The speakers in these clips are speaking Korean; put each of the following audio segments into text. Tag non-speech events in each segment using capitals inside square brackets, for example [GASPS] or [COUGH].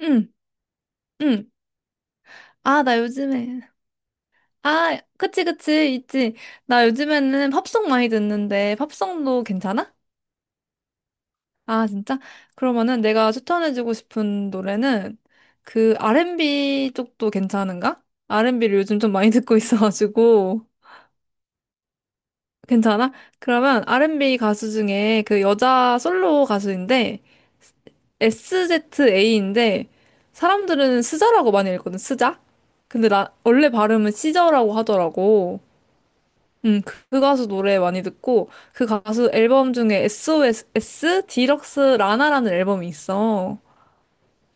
응, 응. 아, 나 요즘에. 아, 그치, 그치, 있지. 나 요즘에는 팝송 많이 듣는데, 팝송도 괜찮아? 아, 진짜? 그러면은 내가 추천해주고 싶은 노래는 그 R&B 쪽도 괜찮은가? R&B를 요즘 좀 많이 [LAUGHS] 듣고 있어가지고. 괜찮아? 그러면 R&B 가수 중에 그 여자 솔로 가수인데, SZA인데, 사람들은 스자라고 많이 읽거든, 스자? 근데 나, 원래 발음은 시저라고 하더라고. 그, 그 가수 노래 많이 듣고, 그 가수 앨범 중에 SOS 디럭스 라나라는 앨범이 있어.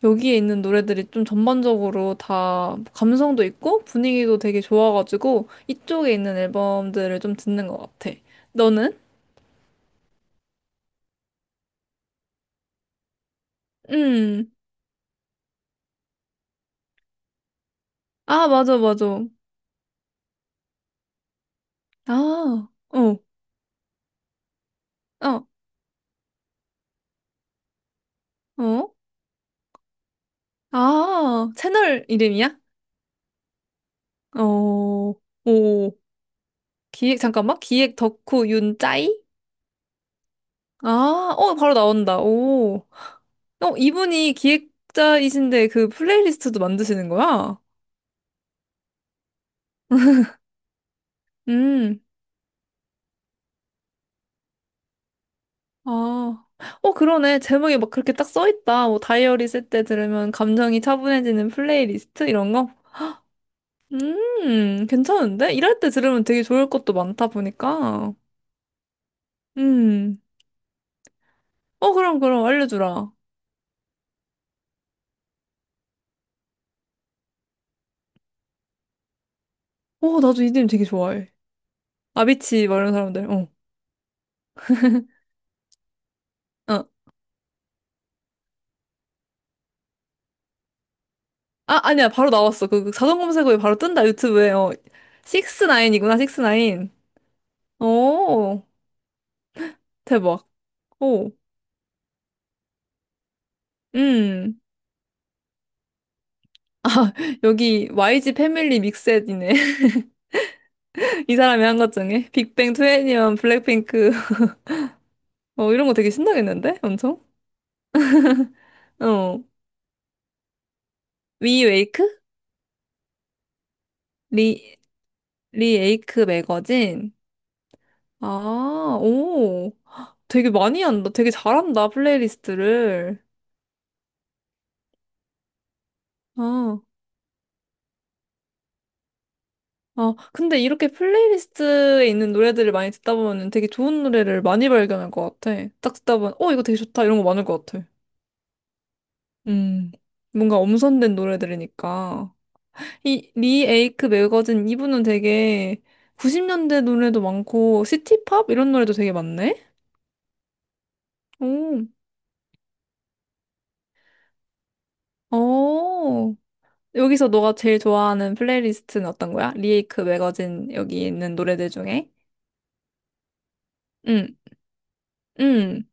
여기에 있는 노래들이 좀 전반적으로 다 감성도 있고 분위기도 되게 좋아가지고 이쪽에 있는 앨범들을 좀 듣는 것 같아. 너는? 음, 아, 맞아, 맞아. 아, 어, 어, 어. 아, 채널 이름이야? 어, 오. 기획, 잠깐만. 기획 덕후 윤짜이? 아, 어, 바로 나온다. 오. 어, 이분이 기획자이신데 그 플레이리스트도 만드시는 거야? 음, 아. 어, 그러네. 제목이 막 그렇게 딱 써있다. 뭐, 다이어리 쓸 때 들으면 감정이 차분해지는 플레이리스트? 이런 거? 괜찮은데? 일할 때 들으면 되게 좋을 것도 많다 보니까. 음. 어, 그럼, 그럼, 알려주라. 어, 나도 이님 되게 좋아해. 아비치, 막 이런 사람들. 어. 어. 아, 아니야. 바로 나왔어. 그, 그 자동 검색어에 바로 뜬다. 유튜브에. 어. 나인이구나 식스나인 오, 대박. 오, 음. 아, [LAUGHS] 여기 YG 패밀리 믹셋이네. [LAUGHS] 이 사람이 한 것 중에. 빅뱅, 투애니원, 블랙핑크. [LAUGHS] 어, 이런 거 되게 신나겠는데? 엄청? 어. 위웨이크? 리, 리에이크 매거진? 아, 오. 되게 많이 한다. 되게 잘한다, 플레이리스트를. 아, 아, 근데 이렇게 플레이리스트에 있는 노래들을 많이 듣다 보면 되게 좋은 노래를 많이 발견할 것 같아. 딱 듣다 보면, 어, 이거 되게 좋다. 이런 거 많을 것 같아. 음, 뭔가 엄선된 노래 들으니까. 이, 리 에이크 매거진 이분은 되게 90년대 노래도 많고, 시티팝? 이런 노래도 되게 많네? 오, 어. 여기서 너가 제일 좋아하는 플레이리스트는 어떤 거야? 리 에이크 매거진 여기 있는 노래들 중에? 응, 응.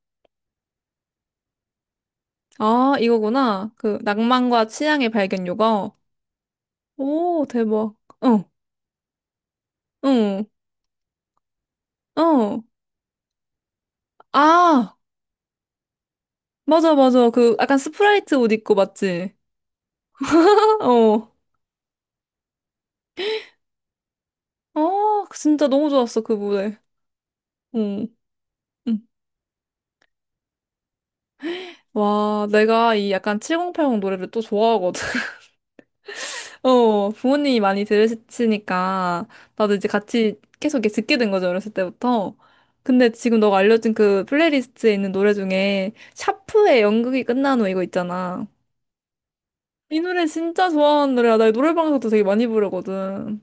아, 이거구나. 그, 낭만과 취향의 발견 요거. 오, 대박. 어, 응, 어. 아, 맞아, 맞아. 그, 약간 스프라이트 옷 입고 맞지? 어. 아, 진짜 너무 좋았어, 그 무대. 응. 응. 와, 내가 이 약간 7080 노래를 또 좋아하거든. [LAUGHS] 어, 부모님이 많이 들으시니까, 나도 이제 같이 계속 이렇게 듣게 된 거죠, 어렸을 때부터. 근데 지금 너가 알려준 그 플레이리스트에 있는 노래 중에, 샤프의 연극이 끝난 후 이거 있잖아. 이 노래 진짜 좋아하는 노래야. 나 이 노래방에서도 되게 많이 부르거든.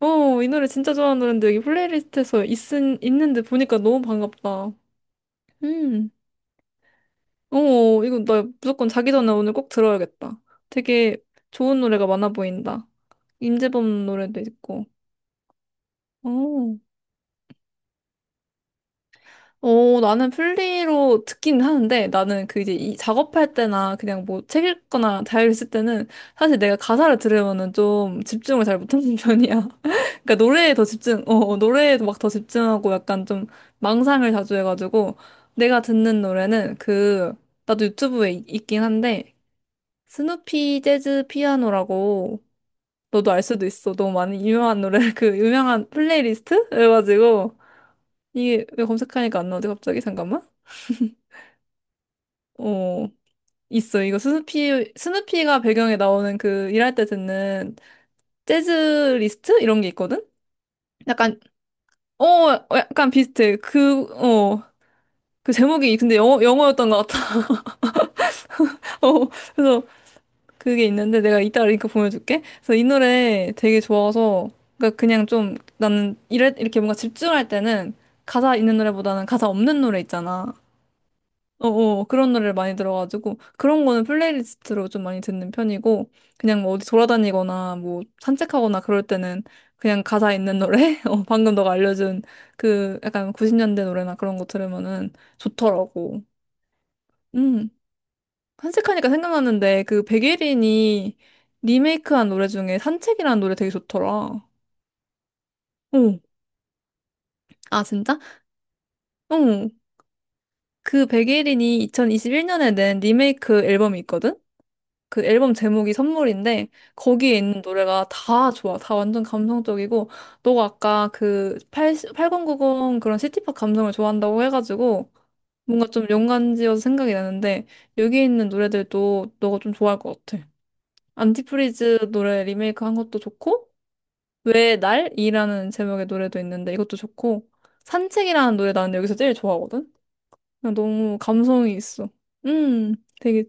어, 이 노래 진짜 좋아하는 노래인데 여기 플레이리스트에서 있는데 보니까 너무 반갑다. 음. 어, 어, 이거 나 무조건 자기 전에 오늘 꼭 들어야겠다. 되게 좋은 노래가 많아 보인다. 임재범 노래도 있고. 어, 어, 나는 플리로 듣긴 하는데 나는 그 이제 이 작업할 때나 그냥 뭐 책 읽거나 자유 있을 때는 사실 내가 가사를 들으면은 좀 집중을 잘 못하는 [LAUGHS] 편이야. 그러니까 노래에 더 집중, 어, 어, 노래에 막 더 집중하고 약간 좀 망상을 자주 해가지고 내가 듣는 노래는 그 나도 유튜브에 있- 있긴 한데 스누피 재즈 피아노라고 너도 알 수도 있어. 너무 많이 유명한 노래 [LAUGHS] 그 유명한 플레이리스트? 그래가지고 이게 왜 검색하니까 안 나오지 갑자기 잠깐만. 어 있어 이거 스누피 스누피가 배경에 나오는 그 일할 때 듣는 재즈 리스트 이런 게 있거든. 약간 어 어, 약간 비슷해. 그 어 그 제목이 근데 영어 영어였던 것 같아. [LAUGHS] 어 그래서 그게 있는데 내가 이따 링크 보내줄게. 그래서 이 노래 되게 좋아서 그러니까 그냥 좀 나는 이래 이렇게 뭔가 집중할 때는 가사 있는 노래보다는 가사 없는 노래 있잖아. 어어 그런 노래를 많이 들어가지고 그런 거는 플레이리스트로 좀 많이 듣는 편이고 그냥 뭐 어디 돌아다니거나 뭐 산책하거나 그럴 때는 그냥 가사 있는 노래 [LAUGHS] 어 방금 너가 알려준 그 약간 90년대 노래나 그런 거 들으면은 좋더라고. 음. 산책하니까 생각났는데 그 백예린이 리메이크한 노래 중에 산책이라는 노래 되게 좋더라. 응. 아, 진짜? 응. 그 백예린이 2021년에 낸 리메이크 앨범이 있거든? 그 앨범 제목이 선물인데 거기에 있는 노래가 다 좋아. 다 완전 감성적이고 너가 아까 그 80, 8090 그런 시티팝 감성을 좋아한다고 해가지고 뭔가 좀 연관지어서 생각이 나는데 여기 있는 노래들도 너가 좀 좋아할 것 같아. 안티프리즈 노래 리메이크 한 것도 좋고 왜 날이라는 제목의 노래도 있는데 이것도 좋고 산책이라는 노래 나는 여기서 제일 좋아하거든. 그냥 너무 감성이 있어. 음, 되게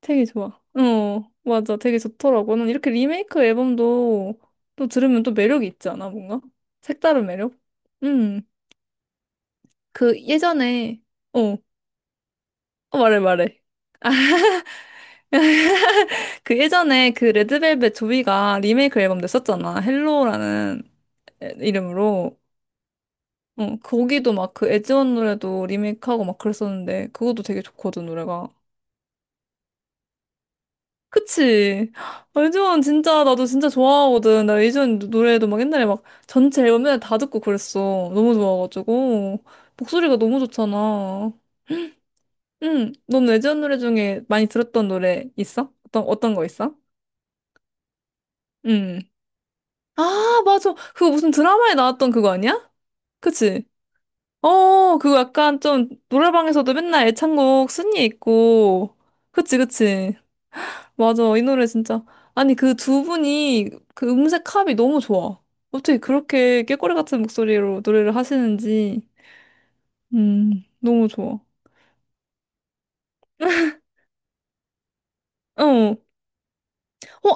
되게 좋아. 어, 맞아, 되게 좋더라고. 난 이렇게 리메이크 앨범도 또 들으면 또 매력이 있지 않아, 뭔가? 색다른 매력? 음, 그 예전에 어, 어, 말해 말해. 그 예전에 그 레드벨벳 조이가 리메이크 앨범 냈었잖아. 헬로라는 이름으로. 응, 거기도 막 그 에즈원 노래도 리메이크하고 막 그랬었는데 그것도 되게 좋거든 노래가. 그치? [GASPS] 에즈원 진짜 나도 진짜 좋아하거든. 나 에즈원 노래도 막 옛날에 막 전체 앨범 맨날 다 듣고 그랬어. 너무 좋아가지고 목소리가 너무 좋잖아. 응, 넌 에즈원 노래 중에 많이 들었던 노래 있어? 어떤 어떤 거 있어? 응. 아, 맞아. 그거 무슨 드라마에 나왔던 그거 아니야? 그치? 어, 그거 약간 좀 노래방에서도 맨날 애창곡 순위 있고. 그치, 그치. 맞아. 이 노래 진짜. 아니, 그 두 분이 그 음색 합이 너무 좋아. 어떻게 그렇게 꾀꼬리 같은 목소리로 노래를 하시는지. 너무 좋아. 어, 어,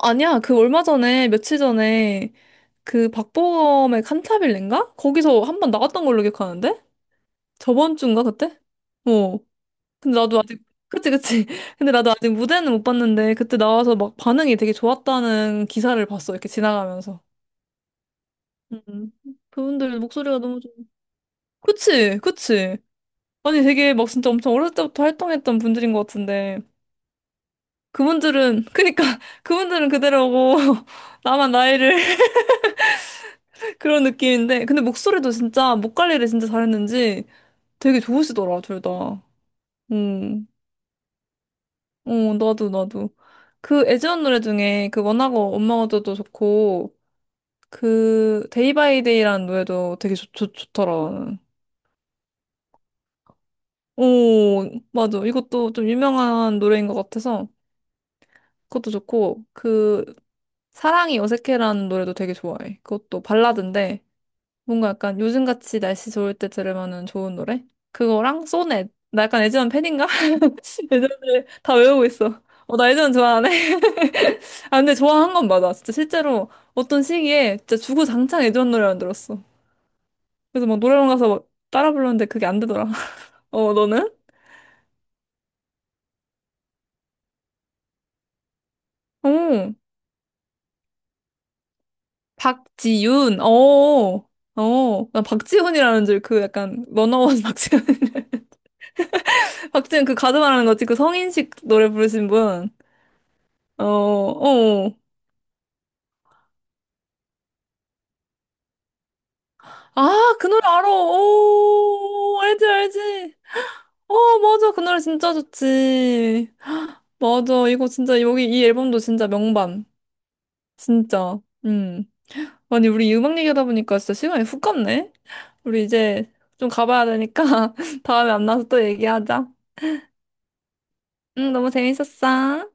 아니야. 그 얼마 전에, 며칠 전에 그 박보검의 칸타빌레인가? 거기서 한번 나왔던 걸로 기억하는데? 저번 주인가, 그때? 어, 근데 나도 아직 그치 그치 [LAUGHS] 근데 나도 아직 무대는 못 봤는데 그때 나와서 막 반응이 되게 좋았다는 기사를 봤어 이렇게 지나가면서 음 그분들 목소리가 너무 좋 그치 그치 아니 되게 막 진짜 엄청 어렸을 때부터 활동했던 분들인 것 같은데 그분들은 그니까 [LAUGHS] 그분들은 그대로고 [LAUGHS] 나만 나이를 [LAUGHS] 그런 느낌인데 근데 목소리도 진짜 목 관리를 진짜 잘했는지 되게 좋으시더라 둘 다. 음. 어, 나도, 나도. 그 에즈원 노래 중에 그 원하고 원망 어쩌도 좋고, 그 데이 바이 데이라는 노래도 되게 좋더라. 나는. 오, 맞아. 이것도 좀 유명한 노래인 것 같아서 그것도 좋고, 그 사랑이 어색해라는 노래도 되게 좋아해. 그것도 발라드인데, 뭔가 약간 요즘같이 날씨 좋을 때 들으면은 좋은 노래? 그거랑 소넷. 나 약간 에즈원 팬인가? [LAUGHS] 에즈원 을 다 외우고 있어. 어, 나 에즈원 좋아하네. [LAUGHS] 아, 근데 좋아한 건 맞아. 진짜 실제로 어떤 시기에 진짜 주구장창 애전 노래만 들었어. 그래서 막 노래방 가서 막 따라 불렀는데 그게 안 되더라. [LAUGHS] 어, 너는? 어, 박지윤. 어, 어. 난 박지훈이라는 줄 그 약간 워나원 [LAUGHS] 박지훈. 박지훈 그 가수 말하는 거지. 그 성인식 노래 부르신 분. 어, 어. 아, 그 노래 알아. 오, 알지, 알지. 어, 맞아. 그 노래 진짜 좋지. [GASPS] 맞아. 이거 진짜 여기 이 앨범도 진짜 명반. 진짜. 음. 아니, 우리 음악 얘기하다 보니까 진짜 시간이 훅 갔네? 우리 이제 좀 가봐야 되니까 [LAUGHS] 다음에 만나서 또 얘기하자. 응, 너무 재밌었어.